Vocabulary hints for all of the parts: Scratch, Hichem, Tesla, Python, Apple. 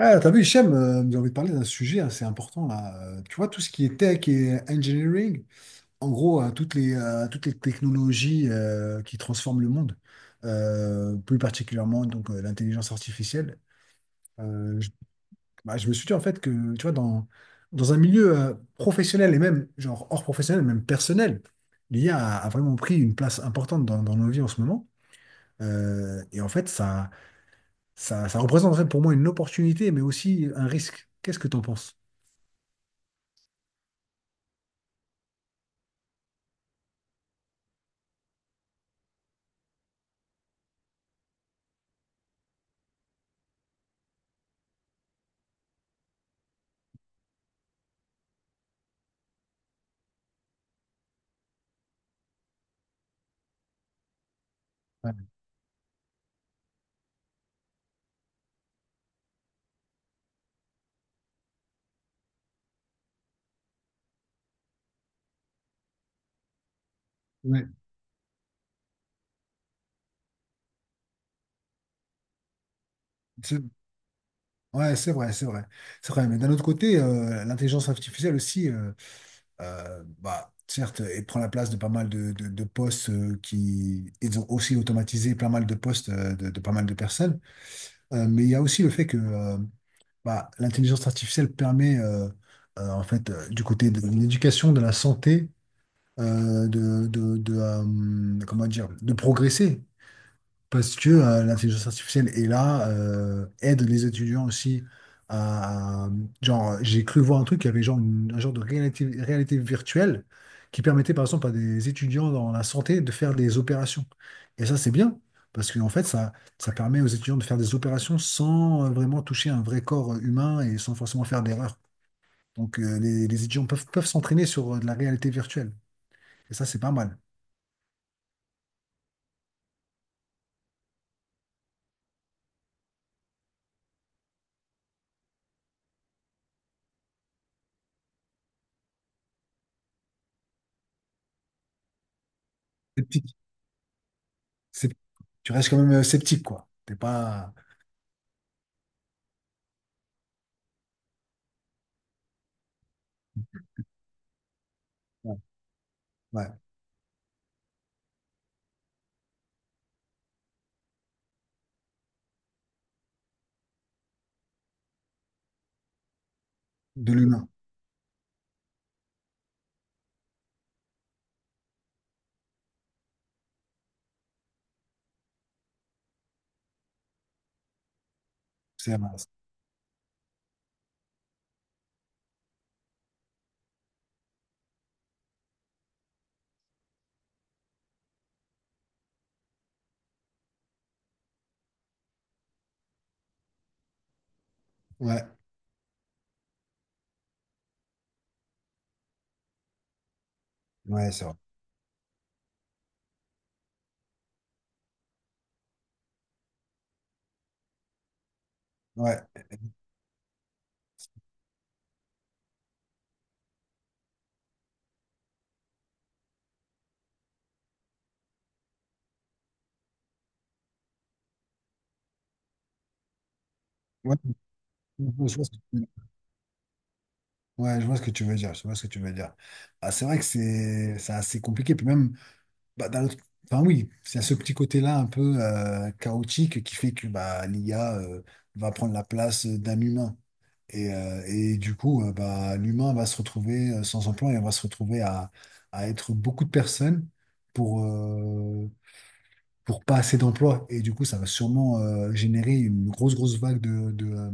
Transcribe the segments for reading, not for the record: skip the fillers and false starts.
Ah, t'as vu, Hichem, nous envie de parler d'un sujet assez important là. Tu vois, tout ce qui est tech et engineering, en gros, toutes les technologies qui transforment le monde, plus particulièrement donc l'intelligence artificielle. Euh, je, je me suis dit en fait que, tu vois, dans un milieu professionnel et même genre hors professionnel, même personnel, l'IA a vraiment pris une place importante dans nos vies en ce moment. Et en fait, ça représenterait pour moi une opportunité, mais aussi un risque. Qu'est-ce que t'en penses? Ouais, ouais, c'est ouais, c'est vrai, c'est vrai. C'est vrai, mais d'un autre côté, l'intelligence artificielle aussi, bah, certes, elle prend la place de pas mal de postes qui... Ils ont aussi automatisé pas mal de postes de pas mal de personnes. Mais il y a aussi le fait que bah, l'intelligence artificielle permet, en fait, du côté de l'éducation, de la santé, comment dire, de progresser. Parce que l'intelligence artificielle est là, aide les étudiants aussi à... Genre, j'ai cru voir un truc, il y avait genre un genre de réalité virtuelle qui permettait par exemple à des étudiants dans la santé de faire des opérations. Et ça, c'est bien, parce qu'en fait, ça permet aux étudiants de faire des opérations sans vraiment toucher un vrai corps humain et sans forcément faire d'erreur. Donc, les étudiants peuvent s'entraîner sur de la réalité virtuelle. Et ça, c'est pas mal. Sceptique. C'est- Tu restes quand même sceptique, quoi. T'es pas... Ouais, de l'humain, c'est vrai. Ouais, ouais, c'est vrai. Ouais, ouais, je vois ce que tu veux dire. Ouais, je vois ce que tu veux dire. Je vois ce que tu veux dire. Ah, c'est vrai que c'est assez compliqué. Puis même, bah, enfin oui, c'est ce petit côté-là un peu chaotique qui fait que bah, l'IA va prendre la place d'un humain. Et du coup, bah, l'humain va se retrouver sans emploi et on va se retrouver à être beaucoup de personnes pour, euh, pour pas assez d'emplois. Et du coup, ça va sûrement générer une grosse, grosse vague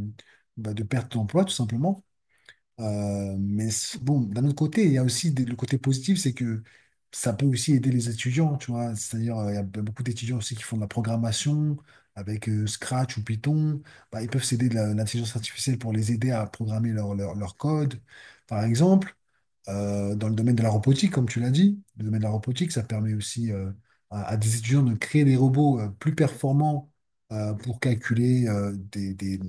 bah, de perte d'emplois, tout simplement. Mais bon, d'un autre côté, il y a aussi le côté positif, c'est que ça peut aussi aider les étudiants, tu vois. C'est-à-dire, il y a beaucoup d'étudiants aussi qui font de la programmation avec Scratch ou Python. Bah, ils peuvent s'aider l'intelligence artificielle pour les aider à programmer leur code, par exemple dans le domaine de la robotique, comme tu l'as dit. Le domaine de la robotique, ça permet aussi à des étudiants de créer des robots plus performants pour calculer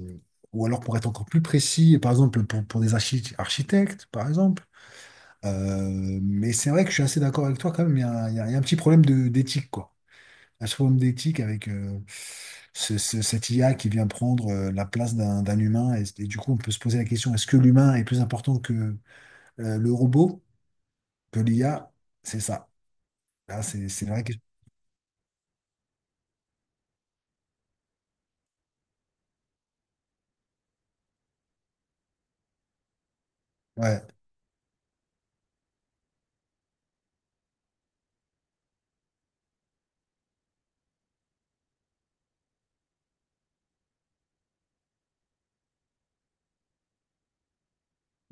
ou alors pour être encore plus précis, par exemple pour des architectes, par exemple. Mais c'est vrai que je suis assez d'accord avec toi quand même, il y a, un il y a un petit problème d'éthique, quoi. Un petit problème d'éthique avec cette IA qui vient prendre la place d'un humain. Et du coup, on peut se poser la question, est-ce que l'humain est plus important que le robot? Que l'IA, c'est ça. Là, c'est vrai que... Ouais.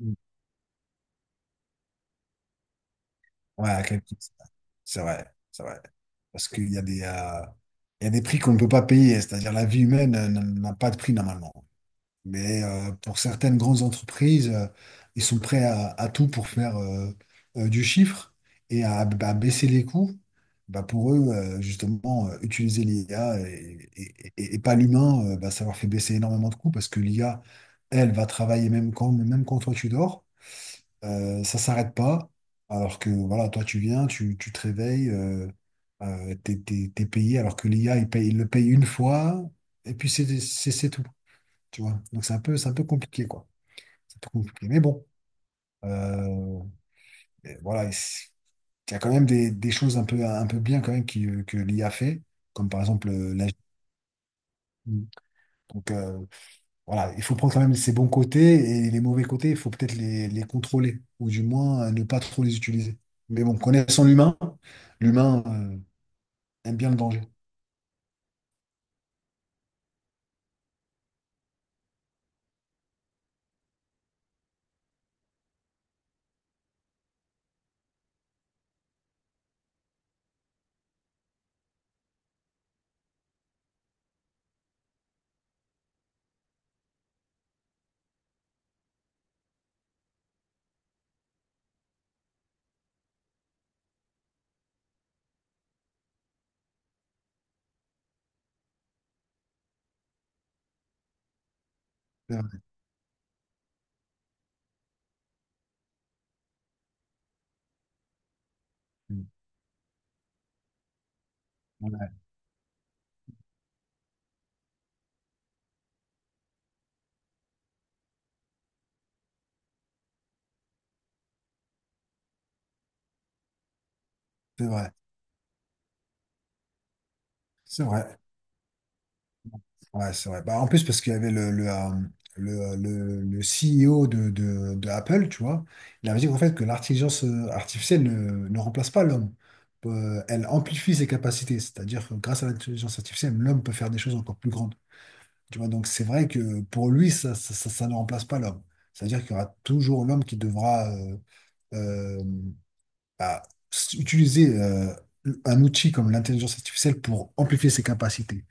Mm. Ouais, à quel prix, c'est vrai, c'est vrai. C'est vrai. Parce qu'il y a des prix qu'on ne peut pas payer, c'est-à-dire la vie humaine n'a pas de prix normalement. Mais pour certaines grandes entreprises, ils sont prêts à tout pour faire du chiffre et à, bah, baisser les coûts. Bah, pour eux, justement, utiliser l'IA et pas l'humain, bah, ça leur fait baisser énormément de coûts parce que l'IA, elle, va travailler même quand toi tu dors. Ça s'arrête pas. Alors que voilà, toi tu viens, tu te réveilles, t'es payé, alors que l'IA, il le paye une fois, et puis c'est tout. Tu vois? Donc c'est un peu compliqué, quoi. C'est un peu compliqué. Mais bon, euh, et voilà, il y a quand même des choses un peu bien quand même que l'IA fait, comme par exemple la... Donc voilà, il faut prendre quand même ses bons côtés et les mauvais côtés, il faut peut-être les contrôler, ou du moins ne pas trop les utiliser. Mais bon, connaissant l'humain, l'humain aime bien le danger. C'est vrai. Ouais, c'est vrai. C'est vrai. Ouais, c'est vrai. Bah, en plus, parce qu'il y avait le CEO de Apple, tu vois, il avait dit qu'en fait que l'intelligence artificielle ne remplace pas l'homme. Elle amplifie ses capacités, c'est-à-dire que grâce à l'intelligence artificielle, l'homme peut faire des choses encore plus grandes. Tu vois, donc c'est vrai que pour lui, ça ne remplace pas l'homme. C'est-à-dire qu'il y aura toujours l'homme qui devra euh, bah, utiliser un outil comme l'intelligence artificielle pour amplifier ses capacités.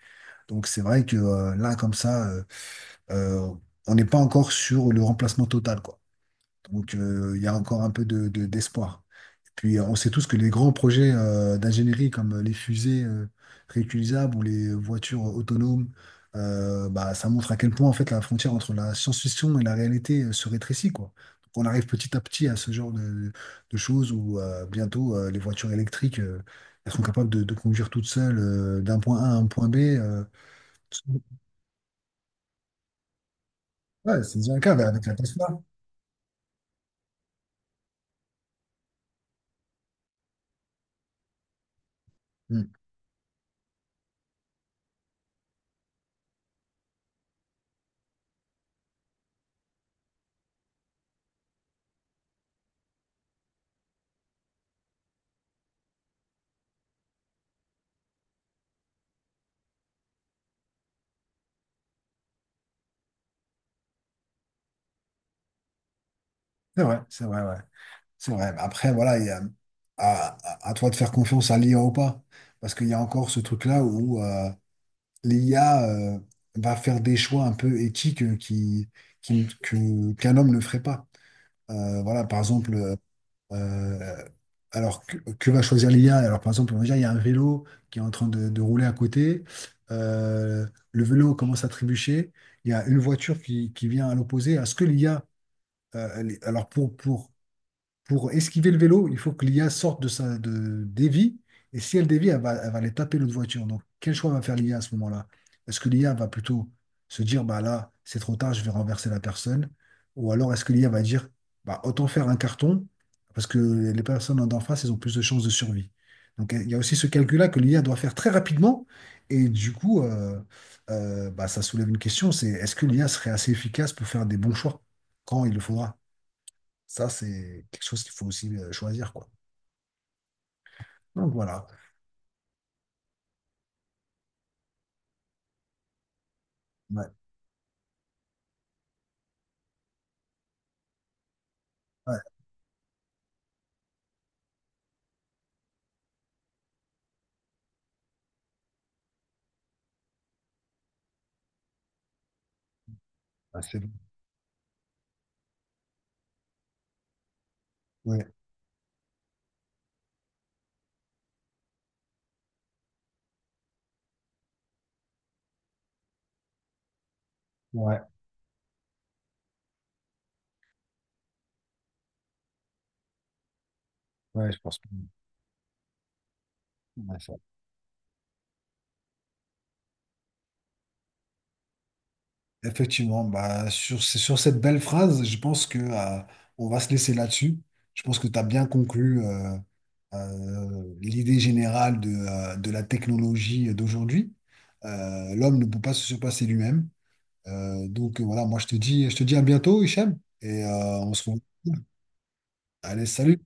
Donc c'est vrai que là, comme ça, euh, on n'est pas encore sur le remplacement total, quoi. Donc, il y a encore un peu d'espoir. Et puis, on sait tous que les grands projets d'ingénierie, comme les fusées réutilisables ou les voitures autonomes, bah, ça montre à quel point, en fait, la frontière entre la science-fiction et la réalité se rétrécit, quoi. Donc, on arrive petit à petit à ce genre de choses où bientôt, les voitures électriques, elles sont capables de conduire toutes seules d'un point A à un point B. Ouais, c'est déjà un cas avec la Tesla. Mm. C'est vrai, ouais. C'est vrai. Après, voilà, il y a, à toi de faire confiance à l'IA ou pas. Parce qu'il y a encore ce truc-là où l'IA va faire des choix un peu éthiques qu'un homme ne ferait pas. Voilà, par exemple, euh, alors que va choisir l'IA? Alors, par exemple, on va dire, il y a un vélo qui est en train de rouler à côté. Euh, le vélo commence à trébucher. Il y a une voiture qui vient à l'opposé. Est-ce que l'IA. Alors, pour, pour esquiver le vélo, il faut que l'IA sorte de sa de, dévie. Et si elle dévie, elle va aller taper l'autre voiture. Donc, quel choix va faire l'IA à ce moment-là? Est-ce que l'IA va plutôt se dire, bah là, c'est trop tard, je vais renverser la personne? Ou alors, est-ce que l'IA va dire, bah autant faire un carton, parce que les personnes en face, elles ont plus de chances de survie. Donc, il y a aussi ce calcul-là que l'IA doit faire très rapidement. Et du coup, bah, ça soulève une question, c'est est-ce que l'IA serait assez efficace pour faire des bons choix quand il le faudra? Ça, c'est quelque chose qu'il faut aussi choisir, quoi. Donc voilà. Ouais, ouais, ouais, c'est bon. Ouais, ouais, ouais, je pense que ouais, effectivement, bah, c'est sur cette belle phrase, je pense que on va se laisser là-dessus. Je pense que tu as bien conclu l'idée générale de la technologie d'aujourd'hui. L'homme ne peut pas se surpasser lui-même. Donc, voilà, moi je te dis à bientôt, Hichem, et on se retrouve. Allez, salut!